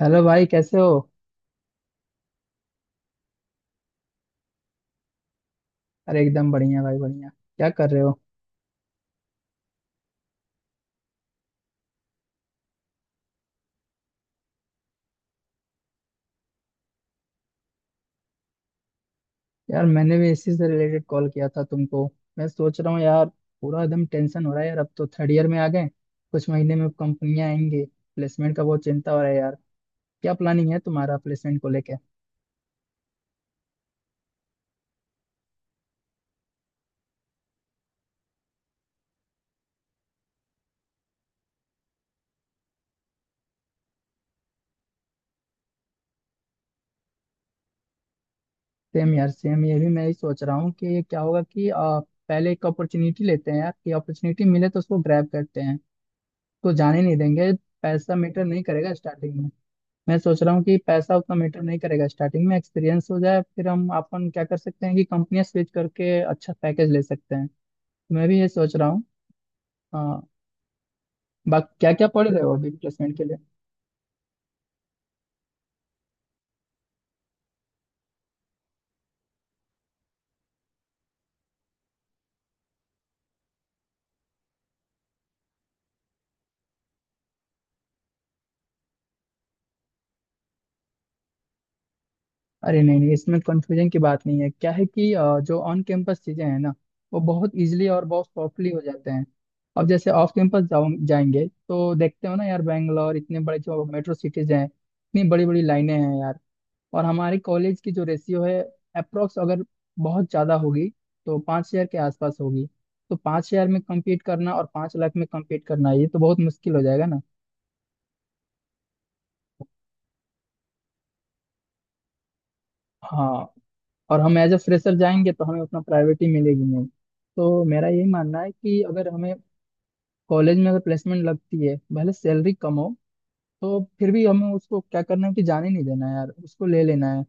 Hello भाई, कैसे हो? अरे एकदम बढ़िया भाई, बढ़िया। क्या कर रहे हो? यार मैंने भी इसी से रिलेटेड कॉल किया था तुमको। मैं सोच रहा हूँ यार, पूरा एकदम टेंशन हो रहा है यार। अब तो थर्ड ईयर में आ गए, कुछ महीने में कंपनियां आएंगी। प्लेसमेंट का बहुत चिंता हो रहा है यार। क्या प्लानिंग है तुम्हारा प्लेसमेंट को लेकर? सेम यार सेम, ये भी मैं ही सोच रहा हूँ कि क्या होगा कि पहले एक अपॉर्चुनिटी लेते हैं यार। कि अपॉर्चुनिटी मिले तो उसको ग्रैब करते हैं, तो जाने नहीं देंगे। पैसा मैटर नहीं करेगा स्टार्टिंग। मैं सोच रहा हूँ कि पैसा उतना मैटर नहीं करेगा स्टार्टिंग में, एक्सपीरियंस हो जाए फिर हम अपन क्या कर सकते हैं कि कंपनियां स्विच करके अच्छा पैकेज ले सकते हैं। मैं भी ये सोच रहा हूँ। हाँ। बाकी क्या क्या पढ़ रहे हो अभी प्लेसमेंट के लिए? अरे नहीं नहीं, इसमें कंफ्यूजन की बात नहीं है। क्या है कि जो ऑन कैंपस चीजें हैं ना, वो बहुत इजिली और बहुत सॉफ्टली हो जाते हैं। अब जैसे ऑफ कैंपस जाओ जाएंगे तो देखते हो ना यार, बैंगलोर इतने बड़े जो मेट्रो सिटीज हैं, इतनी बड़ी बड़ी लाइनें हैं यार। और हमारे कॉलेज की जो रेशियो है, अप्रोक्स अगर बहुत ज़्यादा होगी तो 5,000 के आसपास होगी। तो पाँच हज़ार में compete करना और 5 लाख में compete करना, ये तो बहुत मुश्किल हो जाएगा ना। हाँ। और हम एज अ फ्रेशर जाएंगे तो हमें उतना प्रायोरिटी मिलेगी नहीं। तो मेरा यही मानना है कि अगर हमें कॉलेज में अगर प्लेसमेंट लगती है भले सैलरी कम हो, तो फिर भी हमें उसको क्या करना है कि जाने नहीं देना है यार, उसको ले लेना है।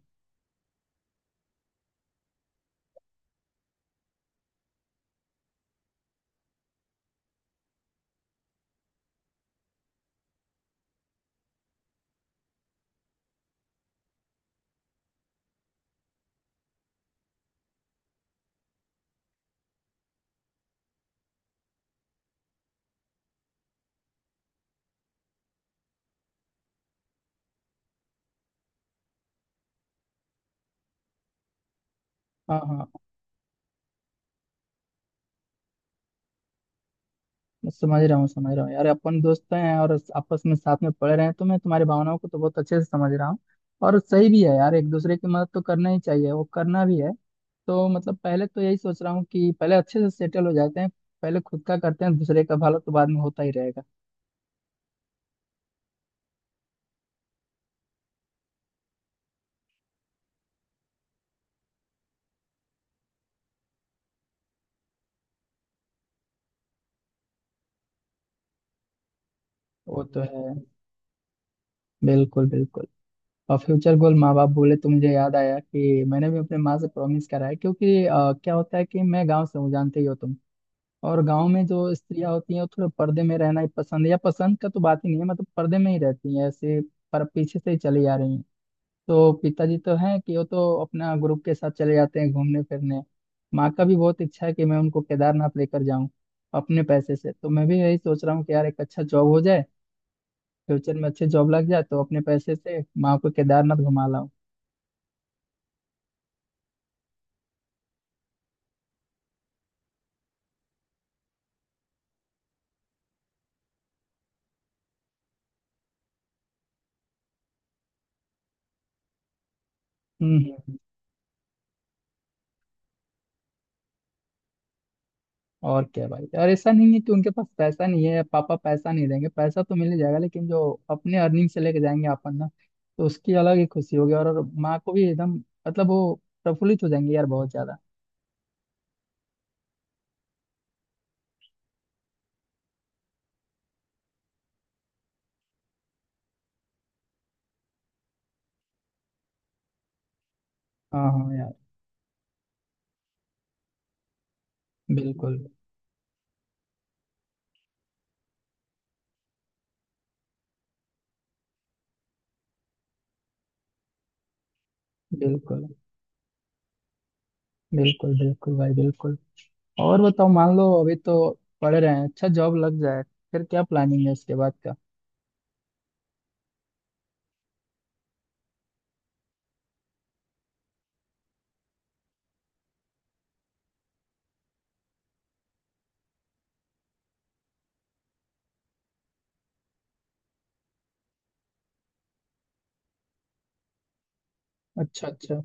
हाँ हाँ। मैं समझ रहा हूँ, समझ रहा हूँ यार। अपन दोस्त तो हैं और आपस में साथ में पढ़ रहे हैं, तो मैं तुम्हारी भावनाओं को तो बहुत अच्छे से समझ रहा हूँ। और सही भी है यार, एक दूसरे की मदद तो करना ही चाहिए, वो करना भी है। तो मतलब पहले तो यही सोच रहा हूँ कि पहले अच्छे से सेटल हो जाते हैं। पहले खुद का करते हैं, दूसरे का भला तो बाद में होता ही रहेगा। वो तो है, बिल्कुल बिल्कुल। और फ्यूचर गोल माँ बाप बोले तो मुझे याद आया कि मैंने भी अपने माँ से प्रॉमिस करा है, क्योंकि क्या होता है कि मैं गाँव से हूँ, जानते ही हो तुम। और गांव में जो स्त्रियां होती हैं वो थोड़े पर्दे में रहना ही पसंद है, या पसंद का तो बात ही नहीं है, मतलब पर्दे में ही रहती हैं ऐसे। पर पीछे से ही चली जा रही हैं। तो पिताजी तो हैं कि वो तो अपना ग्रुप के साथ चले जाते हैं घूमने फिरने। माँ का भी बहुत इच्छा है कि मैं उनको केदारनाथ लेकर जाऊं अपने पैसे से। तो मैं भी यही सोच रहा हूँ कि यार एक अच्छा जॉब हो जाए, फ्यूचर में अच्छी जॉब लग जाए तो अपने पैसे से माँ को केदारनाथ घुमा लाऊं। हम्म। और क्या भाई। और ऐसा नहीं है कि उनके पास पैसा नहीं है, पापा पैसा नहीं देंगे, पैसा तो मिल ही जाएगा। लेकिन जो अपने अर्निंग से लेके जाएंगे अपन ना, तो उसकी अलग ही खुशी होगी। और माँ को भी एकदम, मतलब वो प्रफुल्लित हो जाएंगे यार, बहुत ज्यादा। हाँ हाँ यार। बिल्कुल बिल्कुल। बिल्कुल बिल्कुल भाई, बिल्कुल। और बताओ, मान लो अभी तो पढ़ रहे हैं, अच्छा जॉब लग जाए, फिर क्या प्लानिंग है इसके बाद का? अच्छा अच्छा।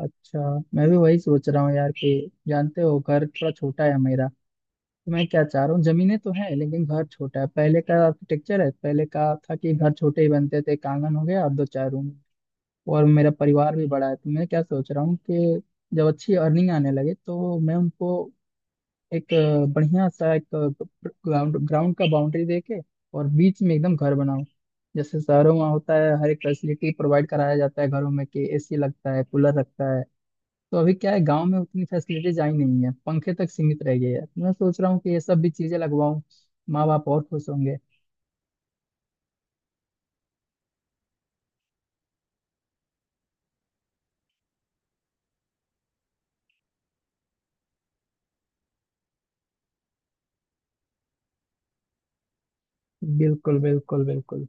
अच्छा। मैं भी वही सोच रहा हूँ यार कि जानते हो घर थोड़ा छोटा है मेरा। तो मैं क्या चाह रहा हूँ, जमीनें तो हैं लेकिन घर छोटा है, पहले का आर्किटेक्चर है, पहले का था कि घर छोटे ही बनते थे, एक आंगन हो गया और दो चार रूम। और मेरा परिवार भी बड़ा है। तो मैं क्या सोच रहा हूँ कि जब अच्छी अर्निंग आने लगे तो मैं उनको एक बढ़िया सा एक ग्राउंड ग्राउंड का बाउंड्री दे के और बीच में एकदम घर बनाऊं। जैसे शहरों में होता है, हर एक फैसिलिटी प्रोवाइड कराया जाता है घरों में, कि एसी लगता है, कूलर लगता है। तो अभी क्या है, गांव में उतनी फैसिलिटीज आई नहीं है, पंखे तक सीमित रह गए हैं। मैं सोच रहा हूँ कि ये सब भी चीजें लगवाऊं, माँ बाप और खुश होंगे। बिल्कुल बिल्कुल बिल्कुल।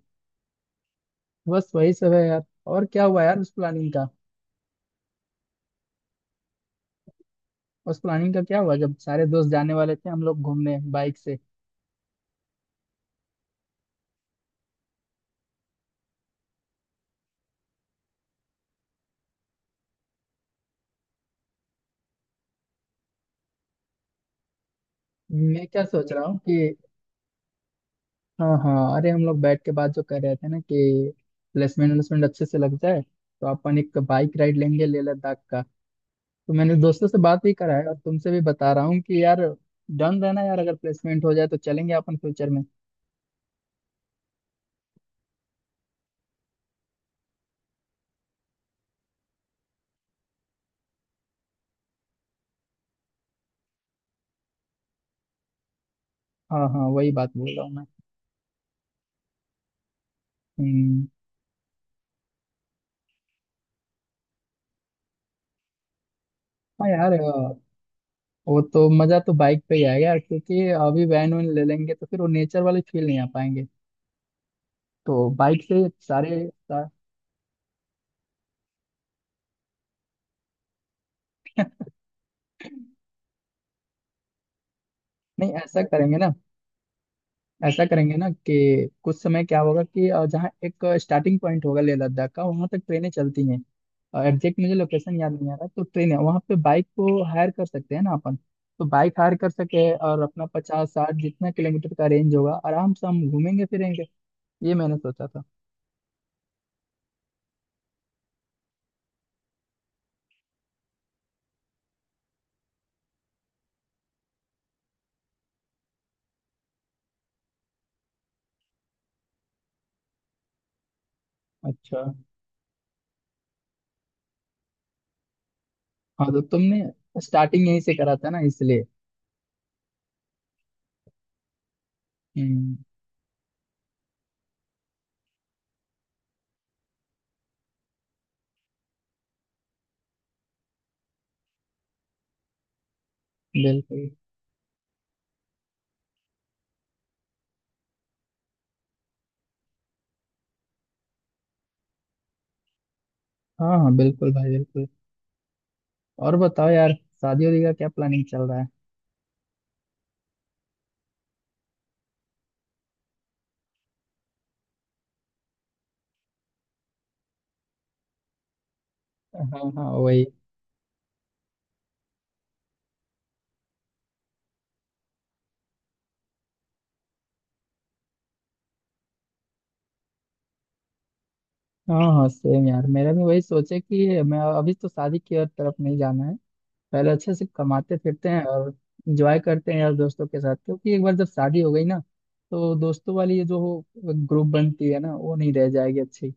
बस वही सब है यार। और क्या हुआ यार उस प्लानिंग का? उस प्लानिंग का क्या हुआ जब सारे दोस्त जाने वाले थे, हम लोग घूमने बाइक से? मैं क्या सोच रहा हूँ कि हाँ हाँ, अरे हम लोग बैठ के बात जो कर रहे थे ना कि प्लेसमेंट व्लेसमेंट अच्छे से लग जाए, तो अपन एक बाइक राइड लेंगे लेह लद्दाख का। तो मैंने दोस्तों से बात भी करा है और तुमसे भी बता रहा हूँ कि यार डन रहना यार, अगर प्लेसमेंट हो जाए तो चलेंगे अपन फ्यूचर में। हाँ हाँ, वही बात बोल रहा हूँ मैं। हम्म। हाँ यार, वो तो मजा तो बाइक पे ही आएगा यार, क्योंकि अभी वैन वैन ले लेंगे तो फिर वो नेचर वाली फील नहीं आ पाएंगे। तो बाइक से नहीं, ऐसा करेंगे ना, ऐसा करेंगे ना कि कुछ समय क्या होगा कि जहाँ एक स्टार्टिंग पॉइंट होगा लेह लद्दाख का, वहाँ तक ट्रेनें चलती हैं। एग्जैक्ट मुझे लोकेशन याद नहीं आ रहा, तो ट्रेन है वहाँ पे बाइक को हायर कर सकते हैं ना अपन। तो बाइक हायर कर सके और अपना 50-60 जितना किलोमीटर का रेंज होगा, आराम से हम घूमेंगे फिरेंगे। ये मैंने सोचा था। अच्छा। हाँ तो तुमने स्टार्टिंग यहीं से करा था ना, इसलिए। हम्म। बिल्कुल। हाँ हाँ बिल्कुल भाई, बिल्कुल। और बताओ यार, शादी वादी का क्या प्लानिंग चल रहा है? हाँ हाँ वही। हाँ हाँ सेम यार, मेरा भी वही सोचे कि मैं अभी तो शादी की और तरफ नहीं जाना है। पहले अच्छे से कमाते फिरते हैं और इंजॉय करते हैं यार दोस्तों के साथ। क्योंकि एक बार जब शादी हो गई ना, तो दोस्तों वाली ये जो ग्रुप बनती है ना, वो नहीं रह जाएगी अच्छी।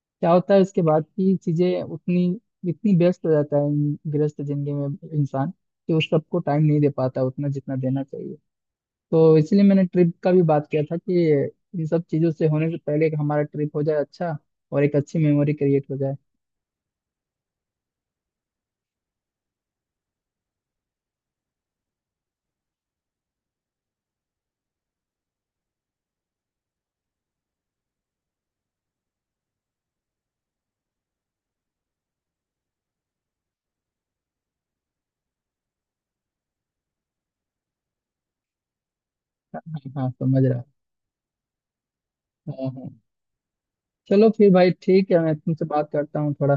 क्या होता है उसके बाद की चीजें उतनी, इतनी व्यस्त हो जाता है गृहस्थ जिंदगी में इंसान कि उस सबको टाइम नहीं दे पाता उतना जितना देना चाहिए। तो इसलिए मैंने ट्रिप का भी बात किया था कि इन सब चीजों से होने से पहले कि हमारा ट्रिप हो जाए अच्छा, और एक अच्छी मेमोरी क्रिएट हो जाए। हाँ हाँ समझ रहा। हाँ हाँ। चलो फिर भाई ठीक है, मैं तुमसे बात करता हूँ थोड़ा।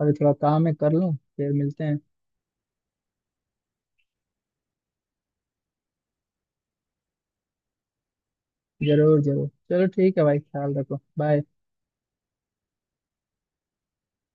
अभी थोड़ा काम है, कर लूँ फिर मिलते हैं। जरूर जरूर, चलो ठीक है भाई, ख्याल रखो, बाय।